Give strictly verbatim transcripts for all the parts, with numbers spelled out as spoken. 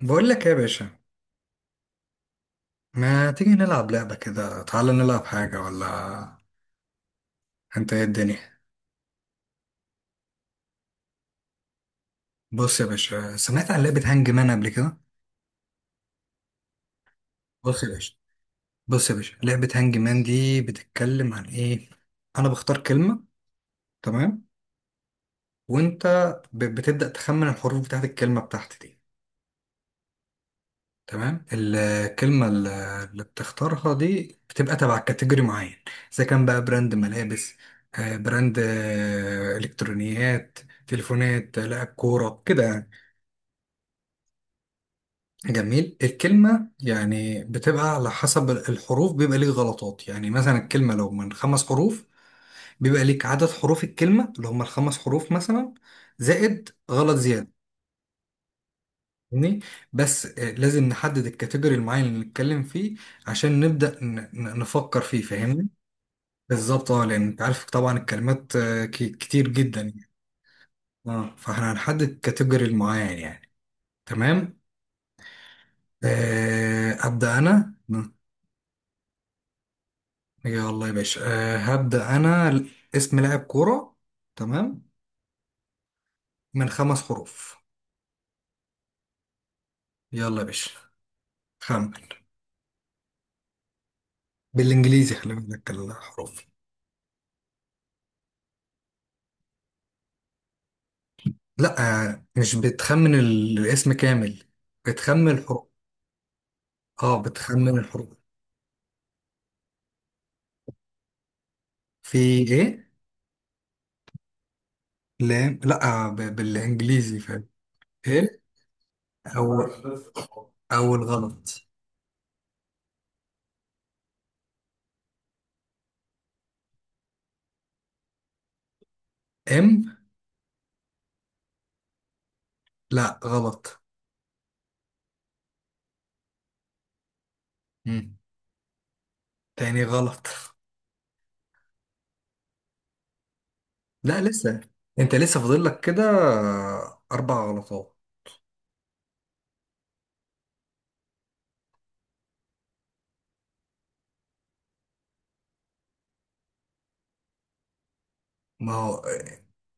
بقول لك إيه يا باشا؟ ما تيجي نلعب لعبة كده؟ تعالى نلعب حاجة ولا؟ انت ايه الدنيا؟ بص يا باشا، سمعت عن لعبة هانج مان قبل كده؟ بص يا باشا بص يا باشا، لعبة هانج مان دي بتتكلم عن ايه؟ انا بختار كلمة، تمام؟ وانت ب- بتبدأ تخمن الحروف بتاعت الكلمة بتاعتي دي. تمام. الكلمة ال- اللي بتختارها دي بتبقى تبع كاتيجوري معين. اذا كان بقى براند ملابس، آه، براند، آه، الكترونيات، تليفونات، لاعب كورة كده يعني. جميل. الكلمة يعني بتبقى على حسب الحروف، بيبقى ليك غلطات. يعني مثلا الكلمة لو من خمس حروف، بيبقى ليك عدد حروف الكلمة اللي هم الخمس حروف مثلا، زائد غلط زيادة. فاهمني؟ بس آه، لازم نحدد الكاتيجوري المعين اللي نتكلم فيه عشان نبدأ ن- ن- نفكر فيه. فاهمني؟ بالظبط. اه، لأن انت عارف طبعا الكلمات آه، ك- كتير جدا يعني. اه، فاحنا هنحدد الكاتيجوري المعين يعني. تمام. آه، أبدأ أنا. يلا يا باشا، أه هبدأ أنا. اسم لاعب كورة. تمام. من خمس حروف. يلا يا باشا، خمن. بالإنجليزي خلي بالك الحروف. لا. أه، مش بتخمن ال- الاسم كامل، بتخمن الحروف. اه، بتخمن الحروف. في إيه؟ لا لا، آه، ب- بالإنجليزي، فاهم؟ إيه؟ أول. أول غلط. إم. لا، غلط. مم. تاني غلط. لا، لسه. أنت لسه فاضل لك كده آه، أربع غلطات. ما هو،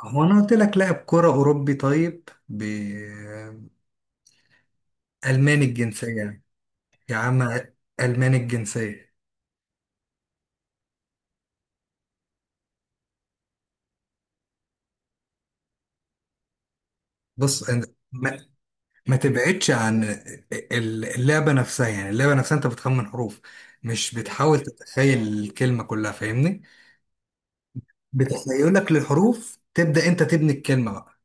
هو انا قلت لك لاعب كرة اوروبي. طيب بالماني الجنسية. يا عم. الماني الجنسية. بص أنت. ما, ما تبعدش عن ال- اللعبة نفسها. يعني اللعبة نفسها انت بتخمن حروف، مش بتحاول تتخيل الكلمة كلها، فاهمني؟ بتخيلك للحروف تبدأ انت تبني الكلمة بقى.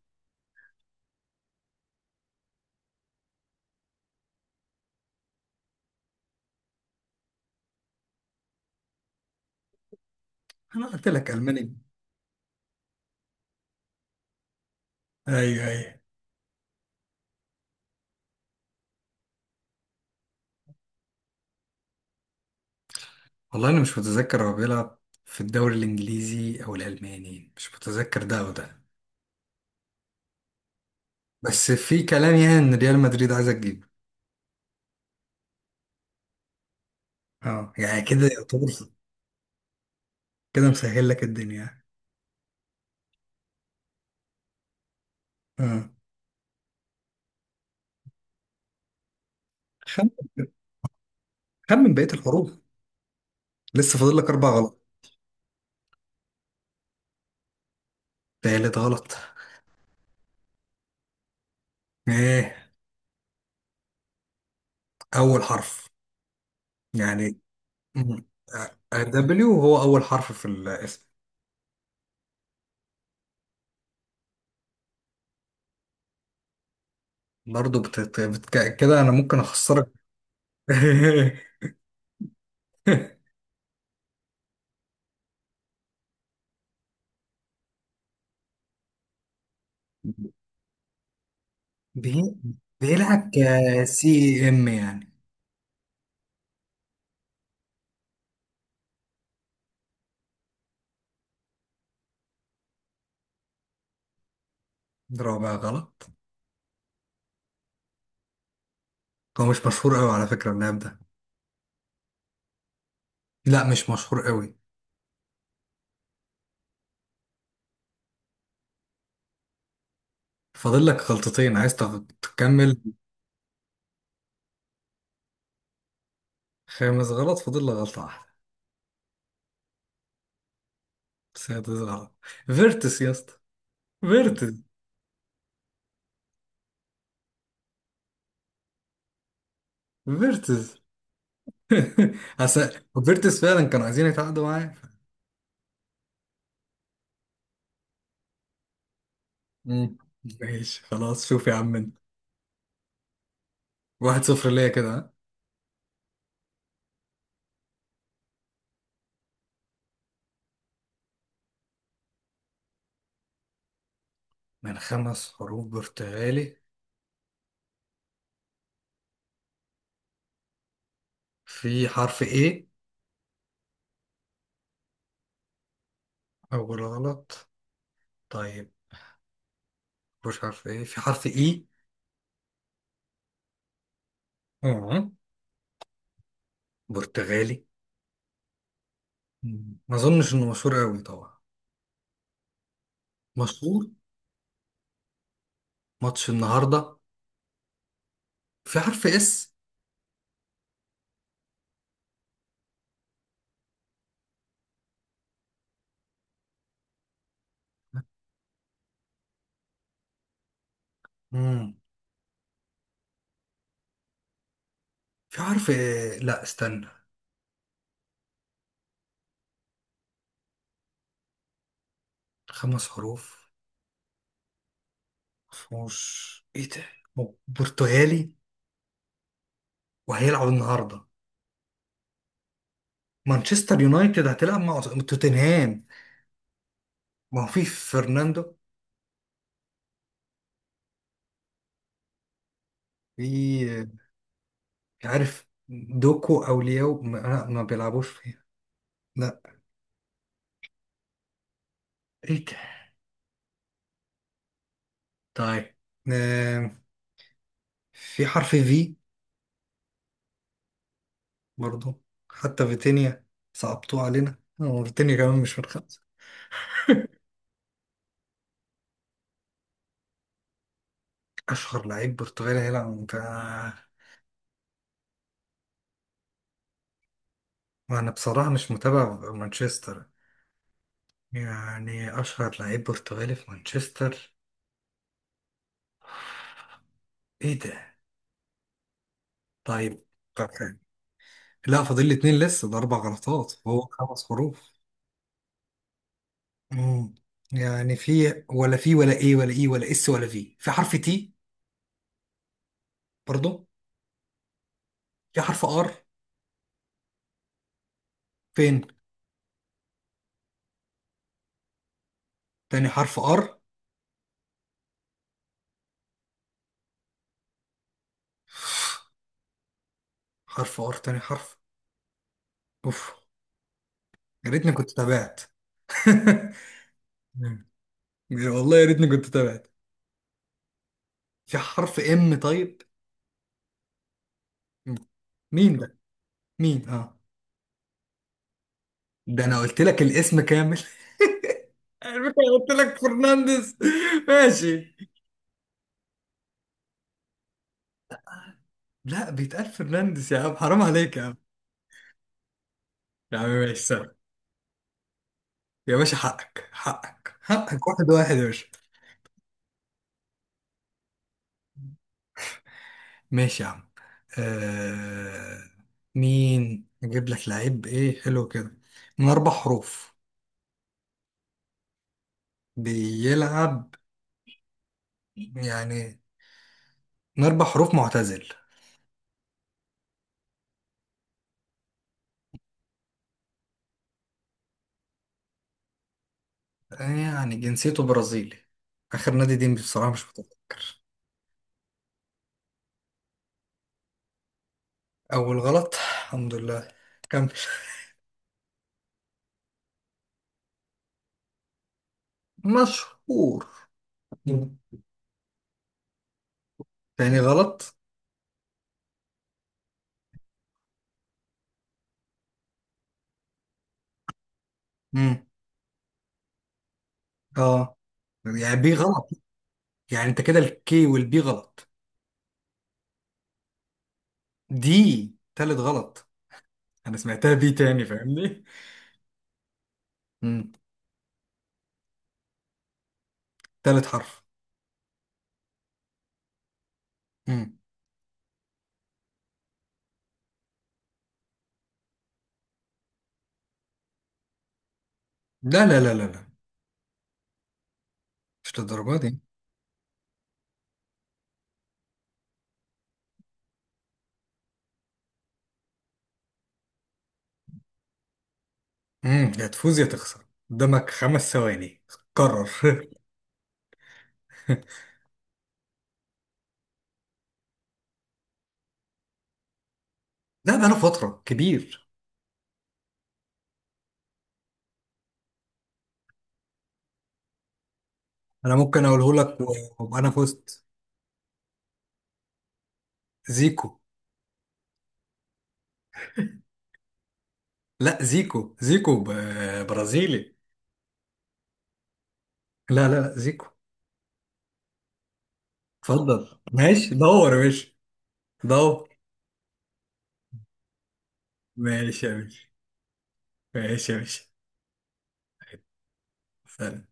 انا قلت لك الماني. ايوه ايوه. والله انا مش متذكر هو بيلعب في الدوري الانجليزي او الالماني، مش متذكر ده او ده. بس في كلام يعني ان ريال مدريد عايزه تجيبه. اه يعني كده يعتبر. كده مسهل لك الدنيا. اه. خم خمن بقية الحروف. لسه فاضل لك اربع غلط. تالت غلط. ايه؟ اول حرف يعني. مم. آه، دبليو هو اول حرف في الاسم. برضه، بتت... بتك... كده انا ممكن اخسرك. بي... بيلعب كسي ام يعني. رابع غلط. هو مش مشهور قوي على فكرة اللاعب ده. لا، مش مشهور قوي. فاضل لك غلطتين، عايز تغ- تكمل؟ خامس غلط. فاضل لك غلطة واحدة. بس هي دي غلط. فيرتس يا اسطى! فيرتس. فيرتس. هس- فيرتس فعلا كانوا عايزين يتعاقدوا معايا. مم. ماشي خلاص. شوف يا عم انت، واحد صفر ليا كده، ها؟ من خمس حروف، برتغالي. في حرف ايه؟ اول غلط. طيب، مش حرف ايه، في حرف اي؟ اه. برتغالي. مم. ما اظنش انه مشهور قوي طبعا. مشهور. ماتش النهارده. في حرف اس؟ مم. في حرف إيه؟ لا استنى. خمس حروف، مفهوش ايه ده. م- برتغالي وهيلعب النهارده. مانشستر يونايتد هتلعب مع توتنهام. ما هو في فرناندو. في. مش عارف دوكو او لياو، ما, لا، ما بيلعبوش فيها. لا. ايه ده؟ طيب. آم، في حرف في. برضو. حتى فيتينيا. صعبتوه علينا. هو فيتينيا كمان مش من خمسة. اشهر لعيب برتغالي هيلعب في. وانا بصراحة مش متابع مانشستر. يعني اشهر لعيب برتغالي في مانشستر؟ ايه ده؟ طيب. طب حلو. لا، فاضل لي اتنين لسه، ده اربع غلطات، هو خمس حروف. امم. يعني في ولا في ولا ايه ولا ايه ولا اس، ولا في، في حرف تي؟ برضو. في حرف ار؟ فين؟ تاني حرف ار. حرف ار تاني حرف. اوف! يا ريتني كنت تابعت. مم. والله يا ريتني كنت تابعت. في حرف ام طيب؟ مم. مين ده؟ مين؟ اه. ده انا قلت لك الاسم كامل. على فكرة قلت لك فرنانديز. ماشي. لا، بيتقال فرنانديز يا عم، حرام عليك يا عم. يا عم ماشي، سلام. يا باشا، حقك حقك حقك، واحد واحد يا باشا. ماشي يا عم. آه... مين اجيب لك؟ لعيب، ايه حلو كده، من اربع حروف، بيلعب يعني. من اربع حروف، معتزل. يعني جنسيته برازيلي. اخر نادي دي بصراحة مش متذكر. أول غلط، الحمد لله. كمل. مشهور. مم. تاني غلط. مم. اه. يعني بي غلط؟ يعني انت كده الكي والبي غلط؟ دي. تالت غلط. انا سمعتها بي تاني، فاهمني؟ مم. تالت حرف. مم. لا لا لا لا لا. مش للدرجه دي. مم. يا تفوز يا تخسر. قدامك خمس ثواني، قرر. لا بقى انا فتره كبير. انا ممكن اقوله لك و- وابقى انا فزت. زيكو. لا، زيكو، زيكو ب- برازيلي. لا لا لا، زيكو. اتفضل ماشي، دور يا باشا. دور. ماشي يا باشا. ماشي يا باشا. طيب، سلام.